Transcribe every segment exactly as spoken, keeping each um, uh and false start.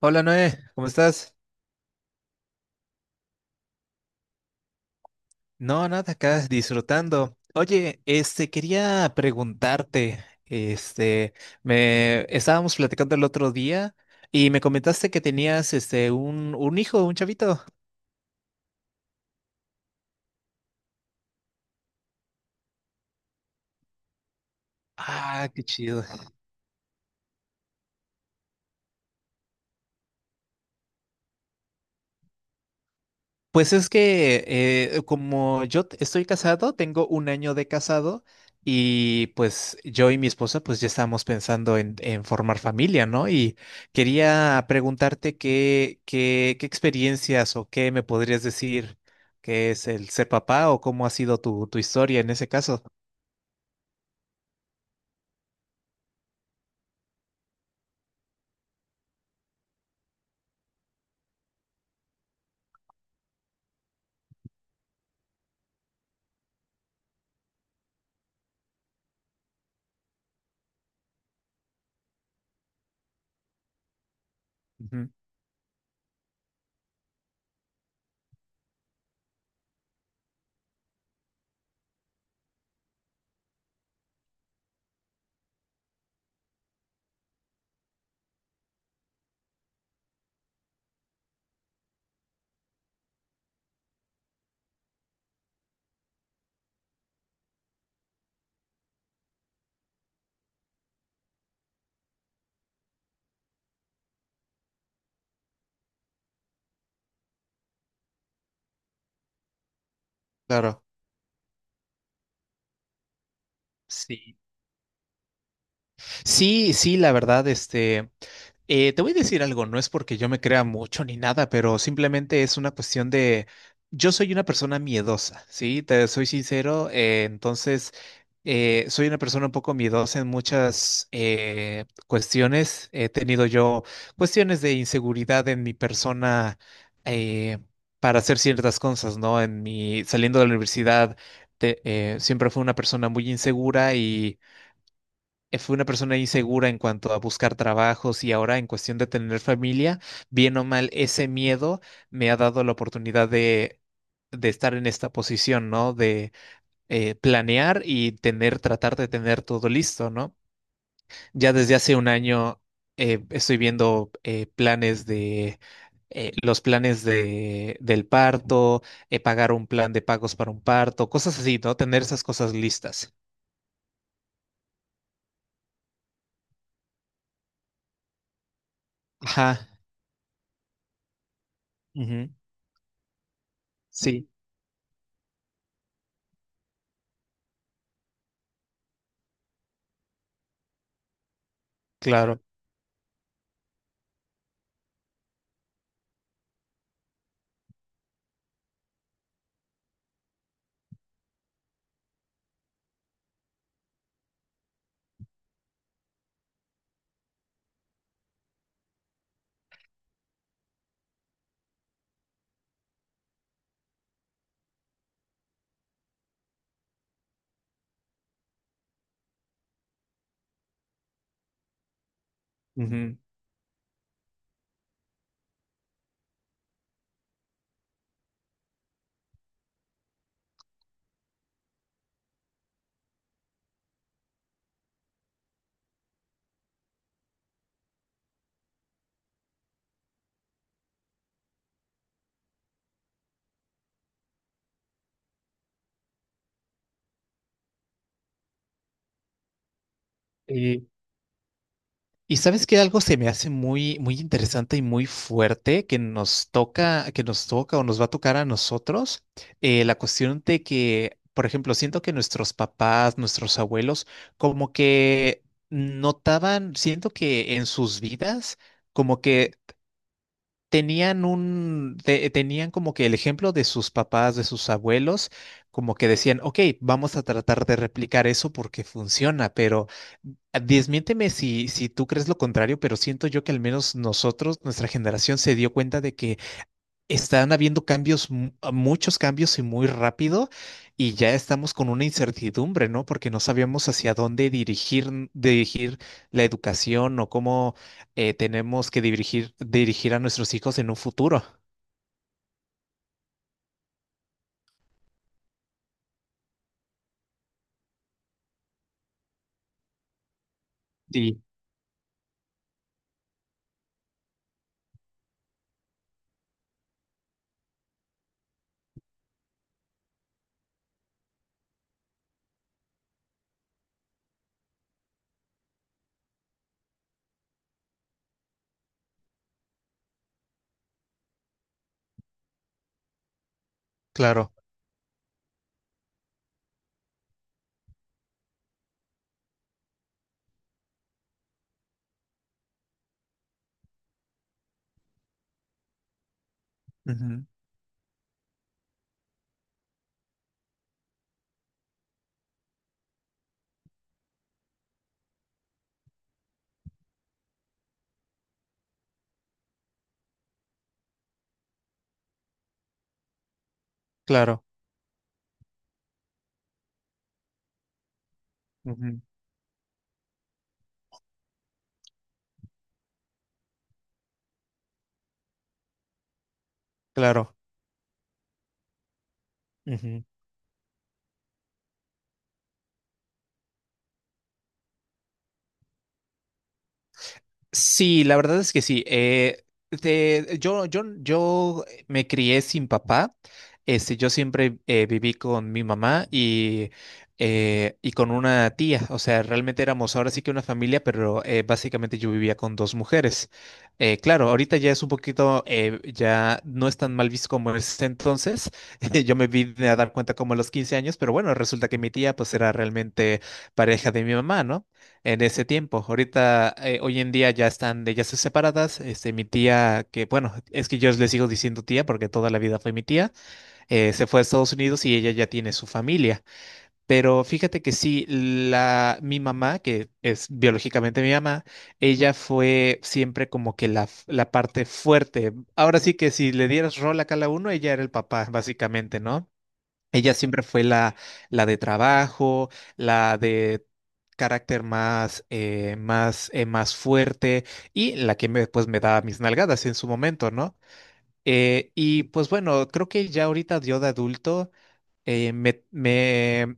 Hola Noé, ¿cómo estás? No, nada, acá disfrutando. Oye, este, quería preguntarte, este, me estábamos platicando el otro día y me comentaste que tenías, este, un, un hijo, un chavito. Ah, qué chido. Pues es que eh, eh, como yo t- estoy casado, tengo un año de casado y pues yo y mi esposa pues ya estábamos pensando en, en formar familia, ¿no? Y quería preguntarte qué, qué, qué experiencias o qué me podrías decir que es el ser papá o cómo ha sido tu, tu historia en ese caso. Ujú, claro. Sí. Sí, sí, la verdad, este, eh, te voy a decir algo, no es porque yo me crea mucho ni nada, pero simplemente es una cuestión de, yo soy una persona miedosa, ¿sí? Te soy sincero, eh, entonces, eh, soy una persona un poco miedosa en muchas eh, cuestiones. He tenido yo cuestiones de inseguridad en mi persona eh, para hacer ciertas cosas, ¿no? En mi, saliendo de la universidad, te- eh, siempre fui una persona muy insegura y eh, fue una persona insegura en cuanto a buscar trabajos, y ahora en cuestión de tener familia, bien o mal, ese miedo me ha dado la oportunidad de, de estar en esta posición, ¿no? De eh, planear y tener, tratar de tener todo listo, ¿no? Ya desde hace un año eh, estoy viendo eh, planes de eh, los planes de, del parto, eh, pagar un plan de pagos para un parto, cosas así, ¿no? Tener esas cosas listas. Ajá, ujú. Sí, claro. Ujú. Eh, y sabes que algo se me hace muy, muy interesante y muy fuerte que nos toca, que nos toca o nos va a tocar a nosotros, eh, la cuestión de que, por ejemplo, siento que nuestros papás, nuestros abuelos, como que notaban, siento que en sus vidas, como que tenían un, te- tenían como que el ejemplo de sus papás, de sus abuelos, como que decían, ok, vamos a tratar de replicar eso porque funciona, pero ah, desmiénteme si, si tú crees lo contrario, pero siento yo que al menos nosotros, nuestra generación, se dio cuenta de que están habiendo cambios, mu- ah, muchos cambios y muy rápido, y ya estamos con una incertidumbre, ¿no? Porque no sabíamos hacia dónde dirigir, dirigir la educación o cómo eh, tenemos que dirigir, dirigir a nuestros hijos en un futuro. Sí. Claro, ujú, claro, ujú, claro. Ujú. Sí, la verdad es que sí. Eh, te- yo, yo, yo me crié sin papá. Este, yo siempre eh, viví con mi mamá y, eh, y con una tía. O sea, realmente éramos ahora sí que una familia, pero eh, básicamente yo vivía con dos mujeres. Eh, claro, ahorita ya es un poquito, eh, ya no es tan mal visto como es entonces. Yo me vine a dar cuenta como a los quince años, pero bueno, resulta que mi tía pues era realmente pareja de mi mamá, ¿no?, en ese tiempo. Ahorita, eh, hoy en día ya están de ellas separadas. Este, mi tía, que bueno, es que yo le sigo diciendo tía porque toda la vida fue mi tía, eh, se fue a Estados Unidos y ella ya tiene su familia. Pero fíjate que sí, la, mi mamá, que es biológicamente mi mamá, ella fue siempre como que la, la parte fuerte. Ahora sí que si le dieras rol a cada uno, ella era el papá, básicamente, ¿no? Ella siempre fue la, la de trabajo, la de carácter más, eh, más, eh, más fuerte, y la que me, pues, me da mis nalgadas en su momento, ¿no? Eh, y pues bueno, creo que ya ahorita yo de adulto, eh, me, me,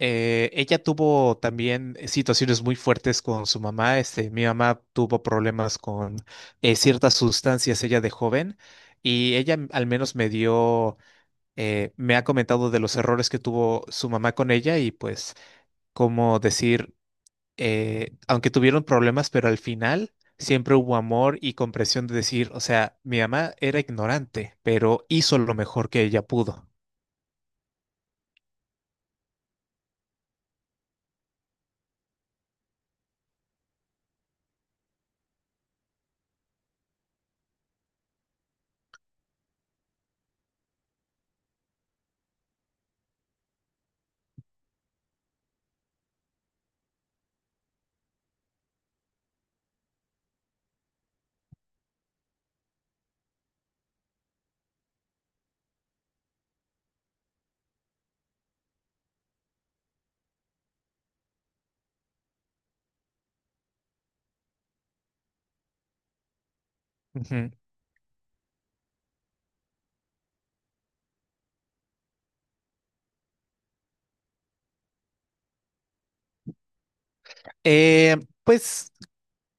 eh, ella tuvo también situaciones muy fuertes con su mamá. Este, mi mamá tuvo problemas con eh, ciertas sustancias ella de joven, y ella al menos me dio eh, me ha comentado de los errores que tuvo su mamá con ella y pues cómo decir, eh, aunque tuvieron problemas, pero al final siempre hubo amor y comprensión de decir, o sea, mi mamá era ignorante, pero hizo lo mejor que ella pudo. Ujú. Eh, pues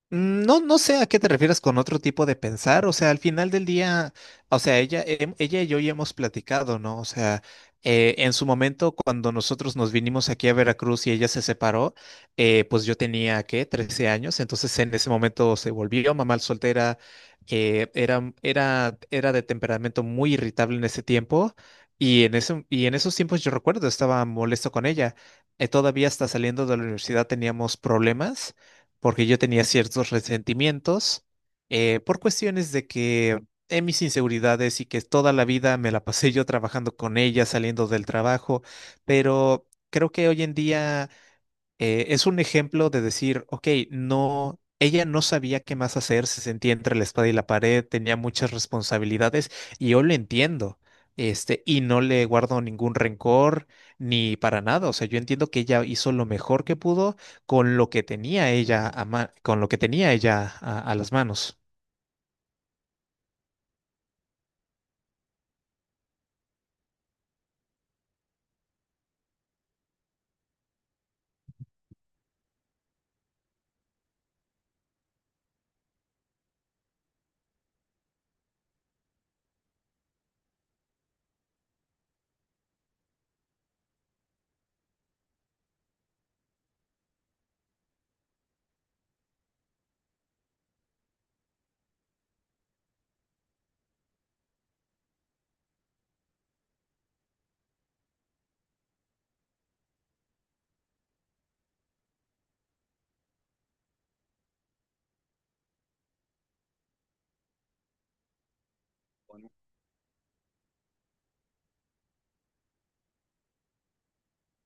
mm, no, no sé a qué te refieres con otro tipo de pensar, o sea, al final del día, o sea, ella, em- ella y yo ya hemos platicado, ¿no? O sea, eh, en su momento, cuando nosotros nos vinimos aquí a Veracruz y ella se separó, eh, pues yo tenía, ¿qué?, trece años, entonces en ese momento se volvió mamá soltera, eh, era, era, era de temperamento muy irritable en ese tiempo, y en ese, y en esos tiempos yo recuerdo, estaba molesto con ella, eh, todavía hasta saliendo de la universidad teníamos problemas porque yo tenía ciertos resentimientos eh, por cuestiones de que en mis inseguridades y que toda la vida me la pasé yo trabajando con ella, saliendo del trabajo, pero creo que hoy en día eh, es un ejemplo de decir, ok, no, ella no sabía qué más hacer, se sentía entre la espada y la pared, tenía muchas responsabilidades y yo lo entiendo. Este, y no le guardo ningún rencor ni para nada. O sea, yo entiendo que ella hizo lo mejor que pudo con lo que tenía ella a ma- con lo que tenía ella a, a las manos.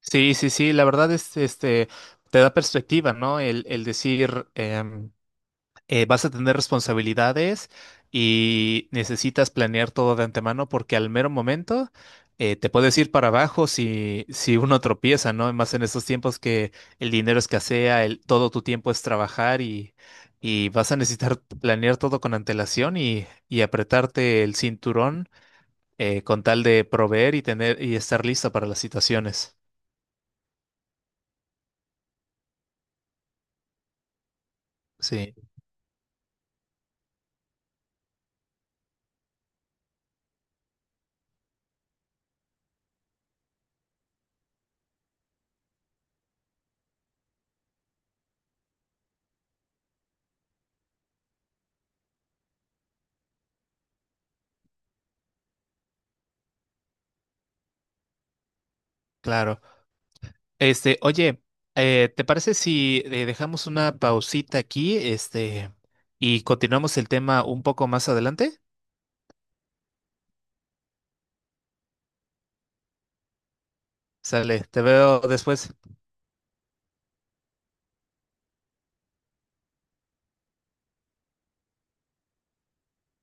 Sí, sí, sí, la verdad es, este, te da perspectiva, ¿no? El, el decir, eh, vas a tener responsabilidades y necesitas planear todo de antemano porque al mero momento eh, te puedes ir para abajo si, si uno tropieza, ¿no? Más en estos tiempos que el dinero escasea, el, todo tu tiempo es trabajar y, y vas a necesitar planear todo con antelación y, y apretarte el cinturón eh, con tal de proveer y tener y estar lista para las situaciones. Sí, claro. Este, oye, eh, ¿te parece si eh, dejamos una pausita aquí, este, y continuamos el tema un poco más adelante? Sale, te veo después.